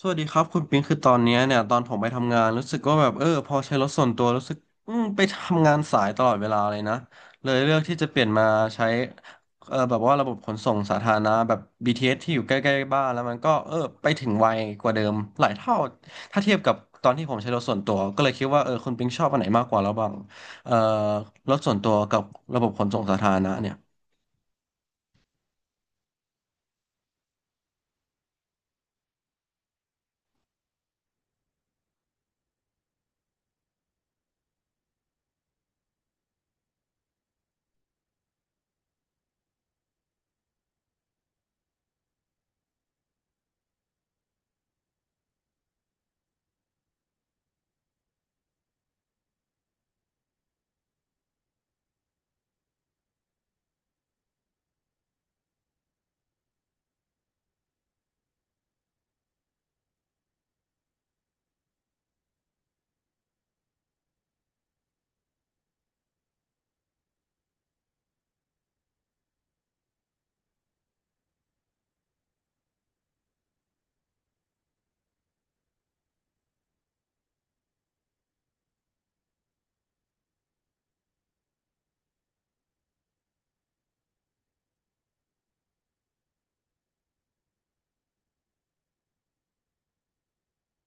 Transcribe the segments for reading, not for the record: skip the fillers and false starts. สวัสดีครับคุณปิงคือตอนเนี่ยตอนผมไปทำงานรู้สึกว่าแบบพอใช้รถส่วนตัวรู้สึกไปทำงานสายตลอดเวลาเลยนะเลยเลือกที่จะเปลี่ยนมาใช้แบบว่าระบบขนส่งสาธารณะแบบ BTS ทีเอสที่อยู่ใกล้ๆบ้านแล้วมันก็ไปถึงไวกว่าเดิมหลายเท่าถ้าเทียบกับตอนที่ผมใช้รถส่วนตัวก็เลยคิดว่าคุณปิงชอบอันไหนมากกว่าระหว่างเออรถส่วนตัวกับระบบขนส่งสาธารณะเนี่ย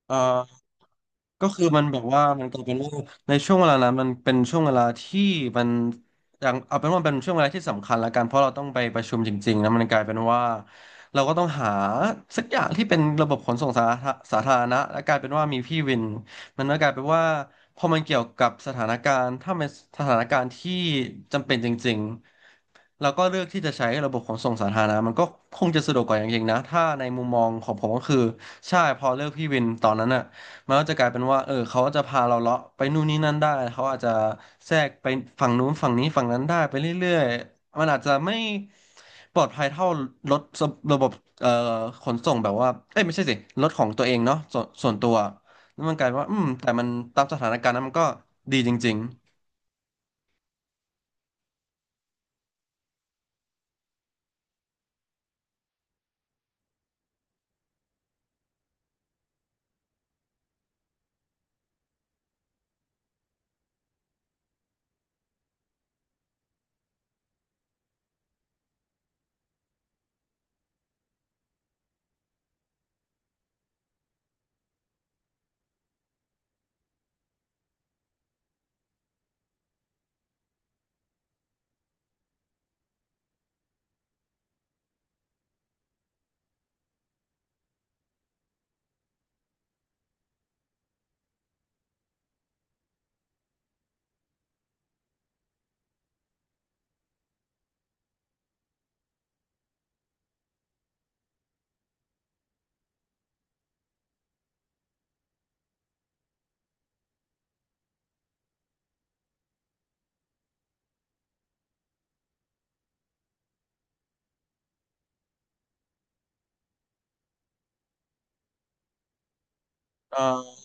เอ่อ ก็คือมันแบบว่ามันกลายเป็นว่าในช่วงเวลานั้นมันเป็นช่วงเวลาที่มันอย่างเอาเป็นว่าเป็นช่วงเวลาที่สำคัญละกันเพราะเราต้องไปประชุมจริงๆนะมันกลายเป็นว่าเราก็ต้องหาสักอย่างที่เป็นระบบขนส่งสาธารณะและกลายเป็นว่ามีพี่วินมันก็กลายเป็นว่าพอมันเกี่ยวกับสถานการณ์ถ้ามันสถานการณ์ที่จำเป็นจริง แล้วก็เลือกที่จะใช้ระบบขนส่งสาธารณะมันก็คงจะสะดวกกว่าอย่างยิ่งนะถ้าในมุมมองของผมก็คือใช่พอเลือกพี่วินตอนนั้นอ่ะมันก็จะกลายเป็นว่าเขาจะพาเราเลาะไปนู่นนี่นั่นได้เขาอาจจะแทรกไปฝั่งนู้นฝั่งนี้ฝั่งนั้นได้ไปเรื่อยๆมันอาจจะไม่ปลอดภัยเท่ารถระบบเอ่อขนส่งแบบว่าเอ้ยไม่ใช่สิรถของตัวเองเนาะส่วนตัวแล้วมันกลายเป็นว่าแต่มันตามสถานการณ์นั้นมันก็ดีจริงๆ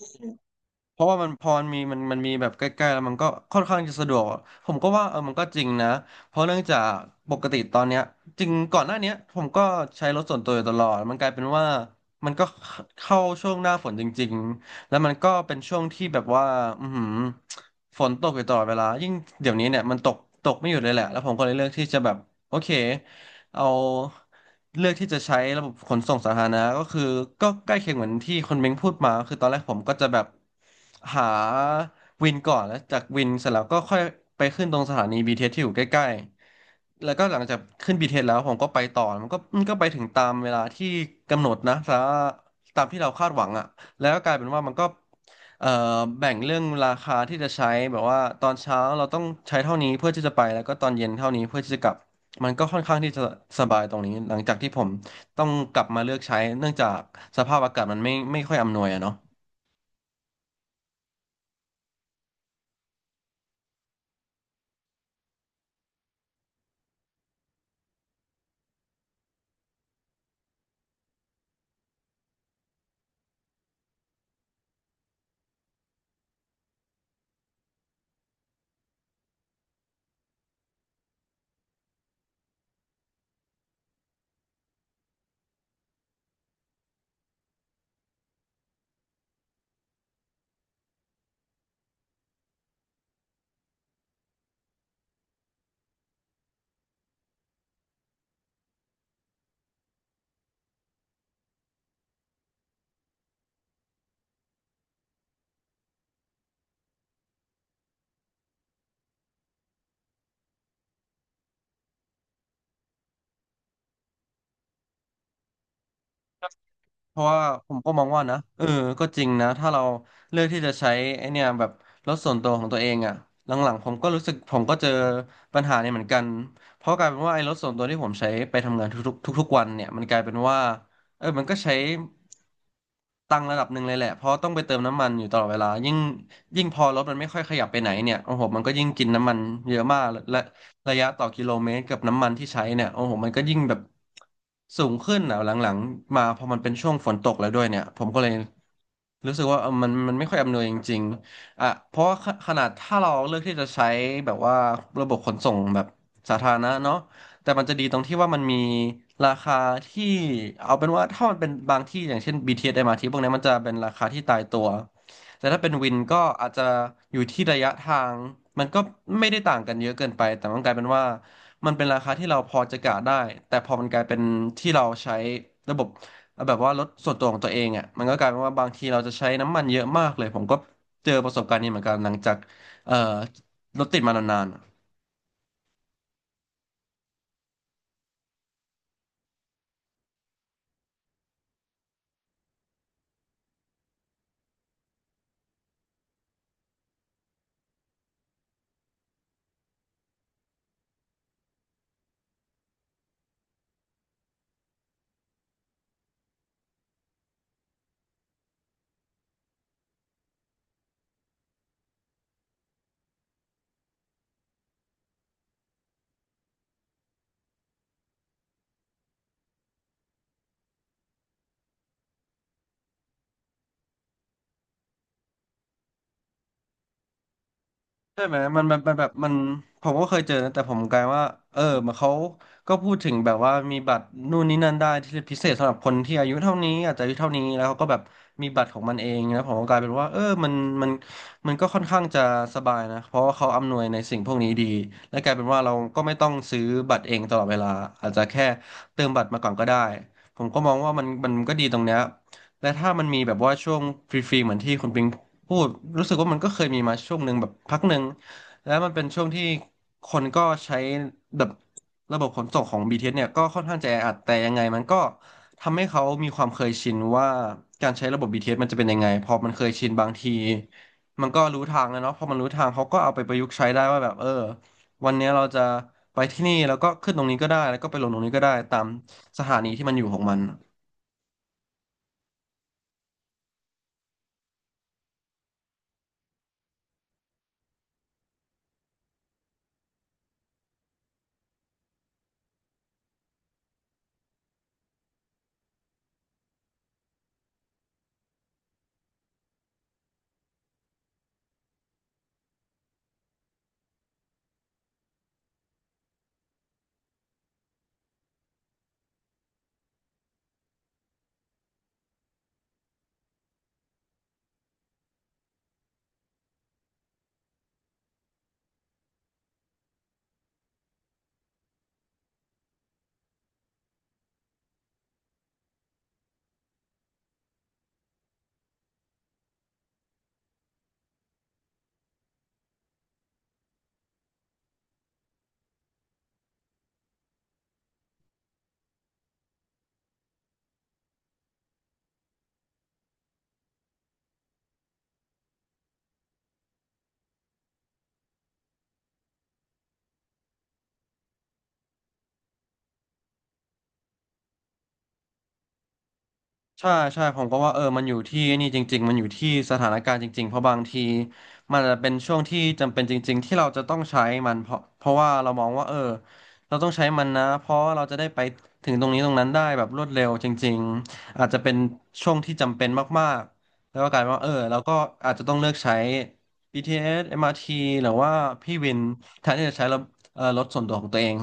เพราะว่ามันพอมันมีมันมีแบบใกล้ๆแล้วมันก็ค่อนข้างจะสะดวกผมก็ว่ามันก็จริงนะเพราะเนื่องจากปกติตอนเนี้ยจริงก่อนหน้าเนี้ยผมก็ใช้รถส่วนตัวอยู่ตลอดมันกลายเป็นว่ามันก็เข้าช่วงหน้าฝนจริงๆแล้วมันก็เป็นช่วงที่แบบว่าอือหือฝนตกอยู่ตลอดเวลายิ่งเดี๋ยวนี้เนี่ยมันตกไม่หยุดเลยแหละแล้วผมก็เลยเลือกที่จะแบบโอเค เอาเลือกที่จะใช้ระบบขนส่งสาธารณะก็คือก็ใกล้เคียงเหมือนที่คนเม้งพูดมาคือตอนแรกผมก็จะแบบหาวินก่อนแล้วจากวินเสร็จแล้วก็ค่อยไปขึ้นตรงสถานี BTS ทีเอสที่อยู่ใกล้ๆ แล้วก็หลังจากขึ้นเทเอสแล้วผมก็ไปต่อมันก็ไปถึงตามเวลาที่กำหนดนะสาตามที่เราคาดหวังอ่ะแล้วก็กลายเป็นว่ามันก็เอ่อแบ่งเรื่องราคาที่จะใช้แบบว่าตอนเช้าเราต้องใช้เท่านี้เพื่อที่จะไปแล้วก็ตอนเย็นเท่านี้เพื่อที่จะกลับมันก็ค่อนข้างที่จะสบายตรงนี้หลังจากที่ผมต้องกลับมาเลือกใช้เนื่องจากสภาพอากาศมันไม่ค่อยอำนวยอะเนาะ เพราะว่าผมก็มองว่านะก็จริงนะถ้าเราเลือกที่จะใช้ไอเนี่ยแบบรถส่วนตัวของตัวเองอะหลังๆผมก็รู้สึกผมก็เจอปัญหาเนี่ยเหมือนกันเพราะกลายเป็นว่าไอ้รถส่วนตัวที่ผมใช้ไปทำงานทุกๆทุกๆวันเนี่ยมันกลายเป็นว่ามันก็ใช้ตังค์ระดับหนึ่งเลยแหละเพราะต้องไปเติมน้ำมันอยู่ตลอดเวลายิ่งพอรถมันไม่ค่อยขยับไปไหนเนี่ยโอ้โหมันก็ยิ่งกินน้ำมันเยอะมากและ ระยะต่อกิโลเมตรกับน้ำมันที่ใช้เนี่ยโอ้โหมันก็ยิ่งแบบสูงขึ้นอ่ะหลังๆมาพอมันเป็นช่วงฝนตกแล้วด้วยเนี่ยผมก็เลยรู้สึกว่ามันไม่ค่อยอำนวยจริงๆอ่ะเพราะว่าขนาดถ้าเราเลือกที่จะใช้แบบว่าระบบขนส่งแบบสาธารณะเนาะแต่มันจะดีตรงที่ว่ามันมีราคาที่เอาเป็นว่าถ้ามันเป็นบางที่อย่างเช่น BTS m ท t พวกนี้มันจะเป็นราคาที่ตายตัว แต่ถ้าเป็นวินก็อาจจะอยู่ที่ระยะทางมันก็ไม่ได้ต่างกันเยอะเกินไปแต่มันกลายเป็นว่ามันเป็นราคาที่เราพอจะกะได้แต่พอมันกลายเป็นที่เราใช้ระบบแบบว่ารถส่วนตัวของตัวเองอ่ะมันก็กลายเป็นว่าบางทีเราจะใช้น้ำมันเยอะมากเลยผมก็เจอประสบการณ์นี้เหมือนกันหลังจากเอ่อรถติดมานานๆ ใช่ไหมมันแบบมันผมก็เคยเจอนะแต่ผมกลายว่าเออมันเขาก็พูดถึงแบบว่ามีบัตรนู่นนี่นั่นได้ที่พิเศษสำหรับคนที่อายุเท่านี้อาจจะอายุเท่านี้แล้วเขาก็แบบมีบัตรของมันเองนะผมก็กลายเป็นว่ามันมันมันก็ค่อนข้างจะสบายนะเพราะว่าเขาอำนวยในสิ่งพวกนี้ดีและกลายเป็นว่าเราก็ไม่ต้องซื้อบัตรเองตลอดเวลาอาจจะแค่เติมบัตรมาก่อนก็ได้ผมก็มองว่ามันก็ดีตรงเนี้ยและถ้ามันมีแบบว่าช่วงฟรีๆเหมือนที่คุณปิง พูดรู้สึกว่ามันก็เคยมีมาช่วงหนึ่งแบบพักหนึ่งแล้วมันเป็นช่วงที่คนก็ใช้แบบระบบขนส่งของ b ท s เอสเนี่ยก็ค่อนข้างจะแออัดแต่ยังไงมันก็ทำให้เขามีความเคยชินว่าการใช้ระบบบีทีเ สมันจะเป็นยังไงพอมันเคยชินบางทีมันก็รู้ทางแล้วเนาะพอมันรู้ทางเขาก็เอาไปประยุกต์ใช้ได้ว่าแบบวันเนี้ยเราจะไปที่นี่แล้วก็ขึ้นตรงนี้ก็ได้แล้วก็ไปลงตรงนี้ก็ได้ตามสถานีที่มันอยู่ของมัน ใช่ใช่ผมก็ว่ามันอยู่ที่นี่จริงๆมันอยู่ที่สถานการณ์จริงๆเพราะบางทีมันอาจจะเป็นช่วงที่จำเป็นจริงๆที่เราจะต้องใช้มันเพราะว่าเรามองว่าเราต้องใช้มันนะเพราะเราจะได้ไปถึงตรงนี้ตรงนั้นได้แบบรวดเร็วจริงๆอาจจะเป็นช่วงที่จำเป็นมากๆแล้วก็กลายเป็นว่าเราก็อาจจะต้องเลือกใช้ BTS MRT หรือว่าพี่วินแทนที่จะใช้รถรถส่วนตัวของตัวเอง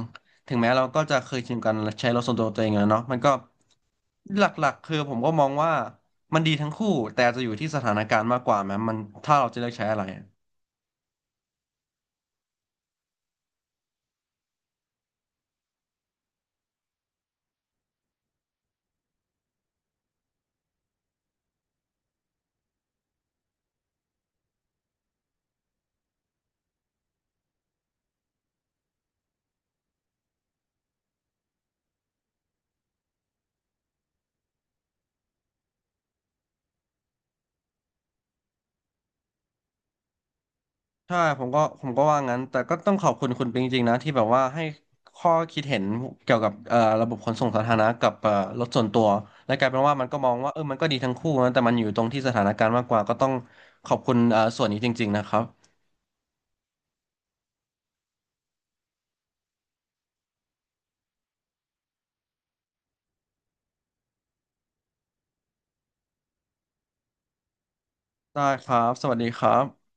ถึงแม้เราก็จะเคยชินกันใช้รถส่วนตัวของตัวเองแล้วเนาะมันก็ หลักๆคือผมก็มองว่ามันดีทั้งคู่แต่จะอยู่ที่สถานการณ์มากกว่าแม้มันถ้าเราจะเลือกใช้อะไรใช่ผมก็ว่างั้นแต่ก็ต้องขอบคุณคุณปิงจริงๆนะที่แบบว่าให้ข้อคิดเห็นเกี่ยวกับระบบขนส่งสาธารณะกับรถส่วนตัวและกลายเป็นว่ามันก็มองว่ามันก็ดีทั้งคู่นะแต่มันอยู่ตรงที่สถานการณ์มากกว่าก็ต้องขอบคุณส่วนนี้จริงๆนะครับได้ครับสวัสดีครับ